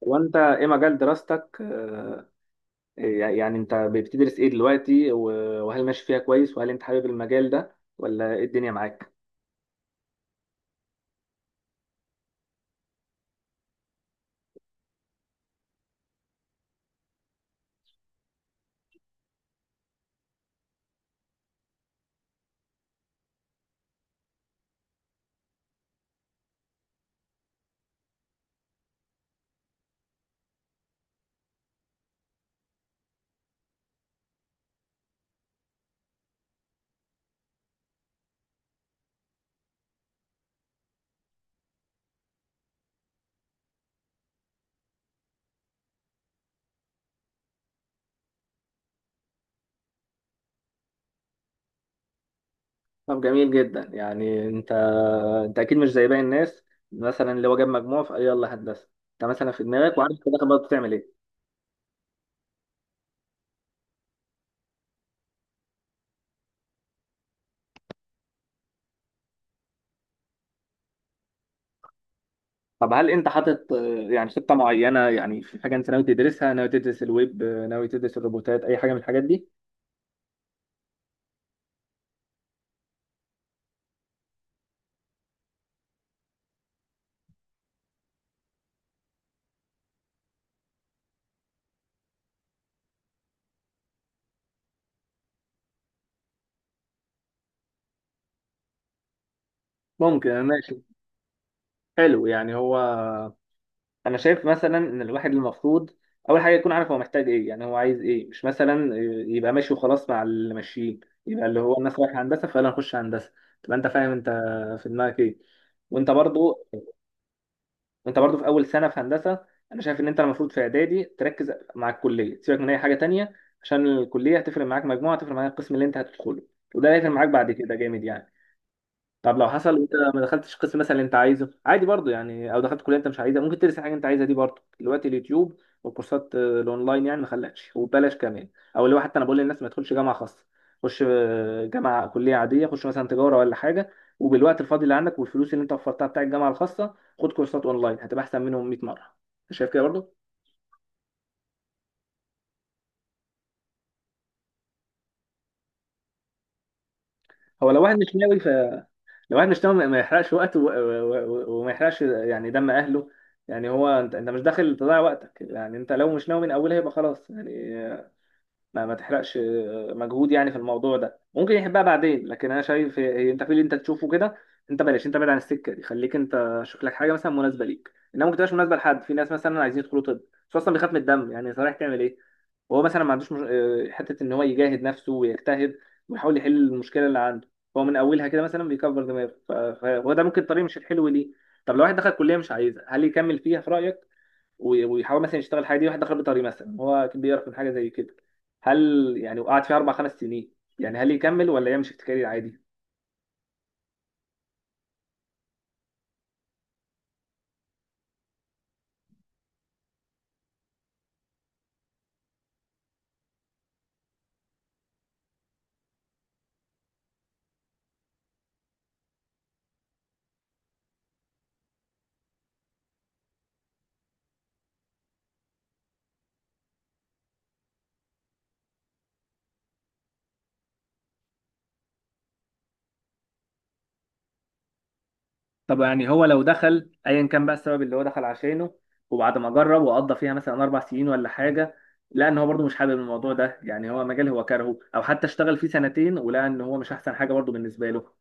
وانت ايه مجال دراستك يعني انت بتدرس ايه دلوقتي وهل ماشي فيها كويس وهل انت حابب المجال ده ولا ايه الدنيا معاك؟ طب جميل جدا. يعني انت اكيد مش زي باقي الناس، مثلا اللي هو جاب مجموع فيلا هندسه. انت مثلا في دماغك وعارف في الاخر برضه بتعمل ايه؟ طب هل انت حاطط يعني خطه معينه، يعني في حاجه انت ناوي تدرسها، ناوي تدرس الويب، ناوي تدرس الروبوتات، اي حاجه من الحاجات دي؟ ممكن، ماشي. حلو. يعني هو انا شايف مثلا ان الواحد المفروض اول حاجه يكون عارف هو محتاج ايه، يعني هو عايز ايه، مش مثلا يبقى ماشي وخلاص مع اللي ماشيين، يبقى اللي هو الناس رايحه هندسه فيلا نخش هندسه. تبقى انت فاهم انت في دماغك ايه. وانت برضو، وانت برضو في اول سنه في هندسه، انا شايف ان انت المفروض في اعدادي تركز مع الكليه، سيبك من اي حاجه تانية، عشان الكليه هتفرق معاك، مجموعه هتفرق معاك، القسم اللي انت هتدخله وده هيفرق معاك بعد كده جامد يعني. طب لو حصل وانت ما دخلتش قسم مثلا اللي انت عايزه، عادي برضو يعني، او دخلت كليه انت مش عايزها، ممكن ترسم حاجه انت عايزها دي برضو دلوقتي. اليوتيوب والكورسات الاونلاين يعني ما خلقش وببلاش كمان. او اللي هو حتى انا بقول للناس ما تدخلش جامعه خاصه، خش جامعه كليه عاديه، خش مثلا تجاره ولا حاجه، وبالوقت الفاضي اللي عندك والفلوس اللي انت وفرتها بتاع الجامعه الخاصه خد كورسات اونلاين، هتبقى احسن منهم 100 مره. انت شايف كده برضو؟ هو لو واحد مش ناوي، الواحد مش ناوي، ما يحرقش وقته وما يحرقش يعني دم اهله. يعني هو انت مش داخل تضيع وقتك يعني، انت لو مش ناوي من اولها يبقى خلاص يعني. ما تحرقش مجهود يعني في الموضوع ده، ممكن يحبها بعدين، لكن انا شايف انت في اللي انت تشوفه كده. انت بلاش، انت بعيد عن السكه دي، خليك انت شوف لك حاجه مثلا مناسبه ليك، انما ممكن تبقاش مناسبه لحد. في ناس مثلا عايزين يدخلوا طب بس اصلا بيخاف من الدم، يعني صحيح تعمل ايه؟ وهو مثلا ما عندوش مش... حته ان هو يجاهد نفسه ويجتهد ويحاول يحل المشكله اللي عنده. هو من اولها كده مثلا بيكبر دماغه فهو ده ممكن طريق مش الحلو ليه. طب لو واحد دخل كليه مش عايزها، هل يكمل فيها في رايك ويحاول مثلا يشتغل الحاجه دي؟ واحد دخل بيطري مثلا، هو كان بيعرف من حاجه زي كده، هل يعني وقعد فيها اربع خمس سنين، يعني هل يكمل ولا يمشي في كارير عادي؟ طب يعني هو لو دخل ايا كان بقى السبب اللي هو دخل عشانه، وبعد ما جرب وقضى فيها مثلا اربع سنين ولا حاجه، لقى ان هو برضه مش حابب الموضوع ده، يعني هو مجال هو كارهه، او حتى اشتغل فيه سنتين ولقى ان هو مش احسن حاجه برضه بالنسبه له؟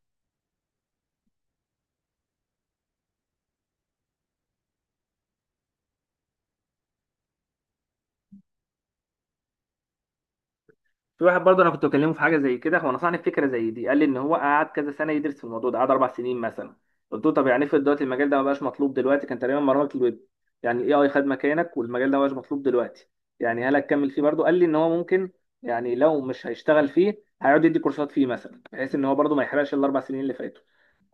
في واحد برضه انا كنت بكلمه في حاجه زي كده، هو نصحني بفكره زي دي. قال لي ان هو قعد كذا سنه يدرس في الموضوع ده، قعد اربع سنين مثلا. قلت له طب يعني افرض دلوقتي المجال ده ما بقاش مطلوب دلوقتي، كان تقريبا برمجه الويب، يعني الاي اي خد مكانك والمجال ده ما بقاش مطلوب دلوقتي، يعني هل هتكمل فيه برضه؟ قال لي ان هو ممكن، يعني لو مش هيشتغل فيه هيقعد يدي كورسات فيه مثلا، بحيث ان هو برضه ما يحرقش الاربع سنين اللي فاتوا.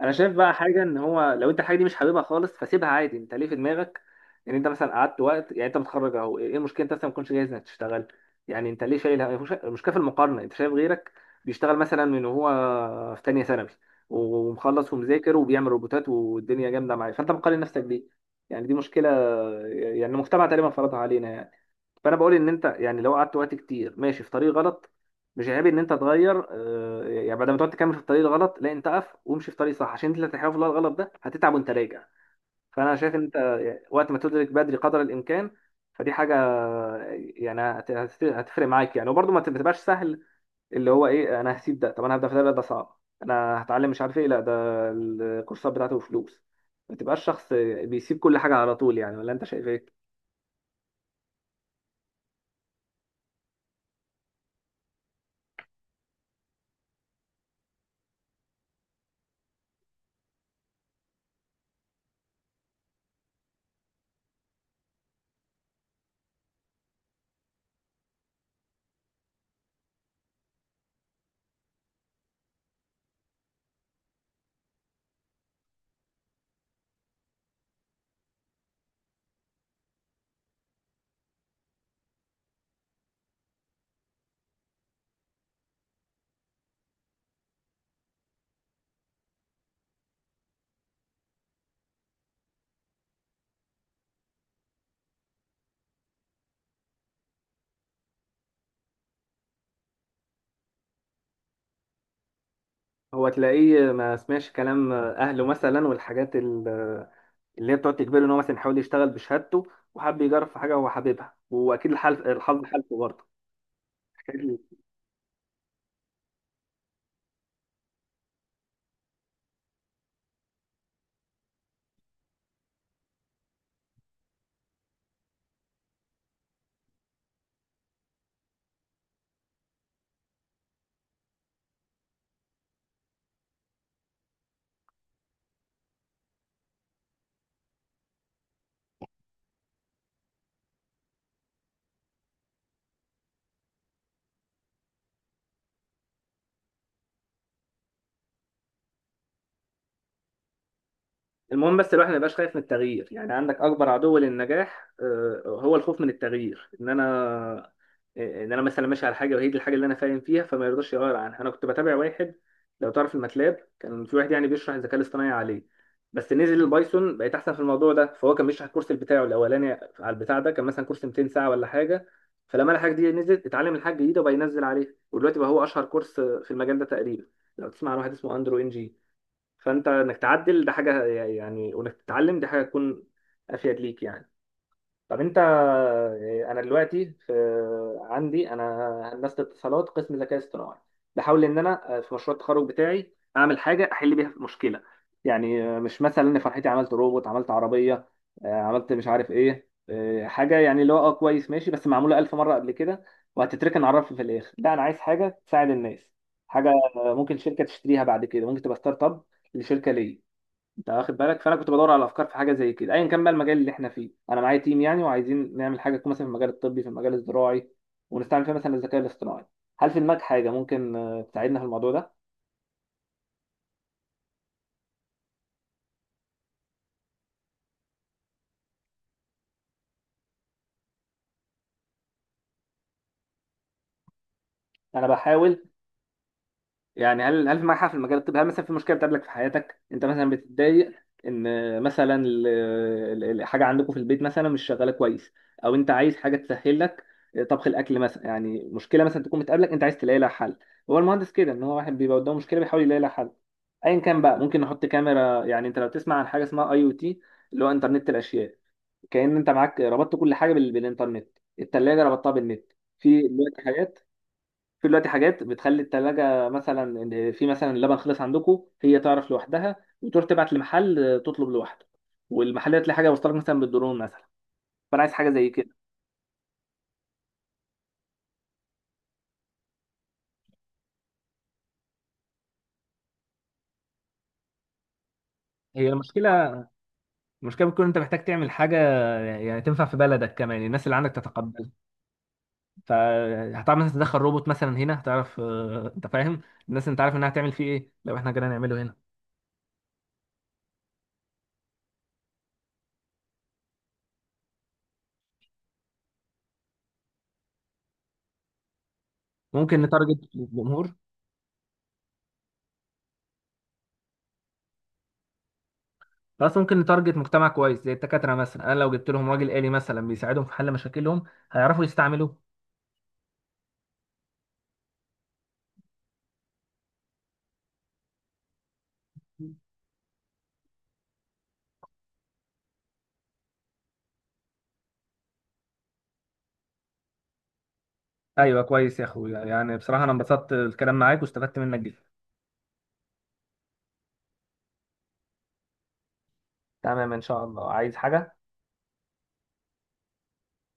انا شايف بقى حاجه، ان هو لو انت الحاجه دي مش حاببها خالص فسيبها عادي. انت ليه في دماغك ان انت مثلا قعدت وقت، يعني انت متخرج اهو، ايه المشكله انت مثلا ما تكونش جاهز انك تشتغل؟ يعني انت ليه شايل المشكله في المقارنه، انت شايف غيرك بيشتغل مثلا من وهو في تانية ثانوي ومخلص ومذاكر وبيعمل روبوتات والدنيا جامده معاه، فانت مقارن نفسك بيه. يعني دي مشكله، يعني المجتمع تقريبا فرضها علينا يعني. فانا بقول ان انت يعني لو قعدت وقت كتير ماشي في طريق غلط، مش عيب ان انت تغير، يعني بدل ما تقعد تكمل في الطريق الغلط لا انت اقف وامشي في طريق صح، عشان انت اللي هتحاول في الطريق الغلط ده هتتعب وانت راجع. فانا شايف ان انت يعني وقت ما تدرك بدري قدر الامكان، فدي حاجه يعني هتفرق معاك يعني. وبرضه ما تبقاش سهل اللي هو ايه، انا هسيب ده؟ طب انا هبدا في ده؟ ده صعب، انا هتعلم مش عارف ايه؟ لا، ده الكورسات بتاعته فلوس. ما تبقاش شخص بيسيب كل حاجه على طول يعني. ولا انت شايف ايه؟ هو تلاقيه ما سمعش كلام اهله مثلا، والحاجات اللي هي بتقعد تجبره ان هو مثلا يحاول يشتغل بشهادته، وحب يجرب في حاجه هو حاببها، واكيد الحظ، حالته برضه الحكاية دي. المهم بس الواحد ما يبقاش خايف من التغيير. يعني عندك اكبر عدو للنجاح هو الخوف من التغيير، ان انا، ان انا مثلا ماشي على حاجه وهي دي الحاجه اللي انا فاهم فيها، فما يرضاش يغير عنها. انا كنت بتابع واحد، لو تعرف الماتلاب، كان في واحد يعني بيشرح الذكاء الاصطناعي عليه، بس نزل البايثون بقيت احسن في الموضوع ده، فهو كان بيشرح الكورس بتاعه الاولاني على البتاع ده، كان مثلا كورس 200 ساعه ولا حاجه، فلما الحاجه دي نزلت اتعلم الحاجه الجديده وبقى ينزل عليها، ودلوقتي بقى هو اشهر كورس في المجال ده تقريبا، لو تسمع عن واحد اسمه اندرو ان جي. فانت انك تعدل ده حاجه يعني، وانك تتعلم دي حاجه تكون افيد ليك يعني. طب انت، انا دلوقتي في، عندي انا هندسه اتصالات قسم ذكاء اصطناعي، بحاول ان انا في مشروع التخرج بتاعي اعمل حاجه احل بيها مشكله، يعني مش مثلا ان فرحتي عملت روبوت، عملت عربيه، عملت مش عارف ايه، حاجه يعني اللي هو اه كويس ماشي بس معموله الف مره قبل كده وهتتركن على الرف في الاخر. لا، انا عايز حاجه تساعد الناس، حاجه ممكن شركه تشتريها بعد كده، ممكن تبقى ستارت اب لشركه ليا، انت واخد بالك؟ فانا كنت بدور على افكار في حاجه زي كده، ايا كان بقى المجال اللي احنا فيه. انا معايا تيم يعني وعايزين نعمل حاجه تكون مثلا في المجال الطبي، في المجال الزراعي، ونستعمل فيها مثلا الذكاء الاصطناعي. هل في دماغك حاجه ممكن تساعدنا في الموضوع ده؟ انا بحاول يعني، هل في معاك حق في المجال الطبي، هل مثلا في مشكله بتقابلك في حياتك انت مثلا بتتضايق ان مثلا الحاجه عندكم في البيت مثلا مش شغاله كويس، او انت عايز حاجه تسهل لك طبخ الاكل مثلا؟ يعني مشكله مثلا تكون بتقابلك انت عايز تلاقي لها حل. هو المهندس كده، ان هو واحد بيبقى قدامه مشكله بيحاول يلاقي لها حل، ايا كان بقى. ممكن نحط كاميرا، يعني انت لو تسمع عن حاجه اسمها اي او تي، اللي هو انترنت الاشياء، كأن انت معاك ربطت كل حاجه بالانترنت، الثلاجه ربطتها بالنت. في دلوقتي حاجات، في دلوقتي حاجات بتخلي التلاجة مثلا إن في مثلا اللبن خلص عندكم، هي تعرف لوحدها وتروح تبعت لمحل تطلب لوحده، والمحل تلاقي حاجة وصلك مثلا بالدرون مثلا. فأنا عايز حاجة زي كده. هي المشكلة، المشكلة بتكون انت محتاج تعمل حاجة يعني تنفع في بلدك كمان، الناس اللي عندك تتقبلها. فهتعرف مثلا تدخل روبوت مثلا هنا؟ هتعرف انت فاهم الناس، انت عارف انها هتعمل فيه ايه لو احنا جينا نعمله هنا. ممكن نتارجت الجمهور، بس ممكن نتارجت مجتمع كويس زي الدكاترة مثلا، انا لو جبت لهم راجل آلي مثلا بيساعدهم في حل مشاكلهم هيعرفوا يستعملوه. ايوه، كويس يا اخويا، يعني بصراحة انا انبسطت الكلام معاك واستفدت منك جدا. تمام ان شاء الله، عايز حاجة؟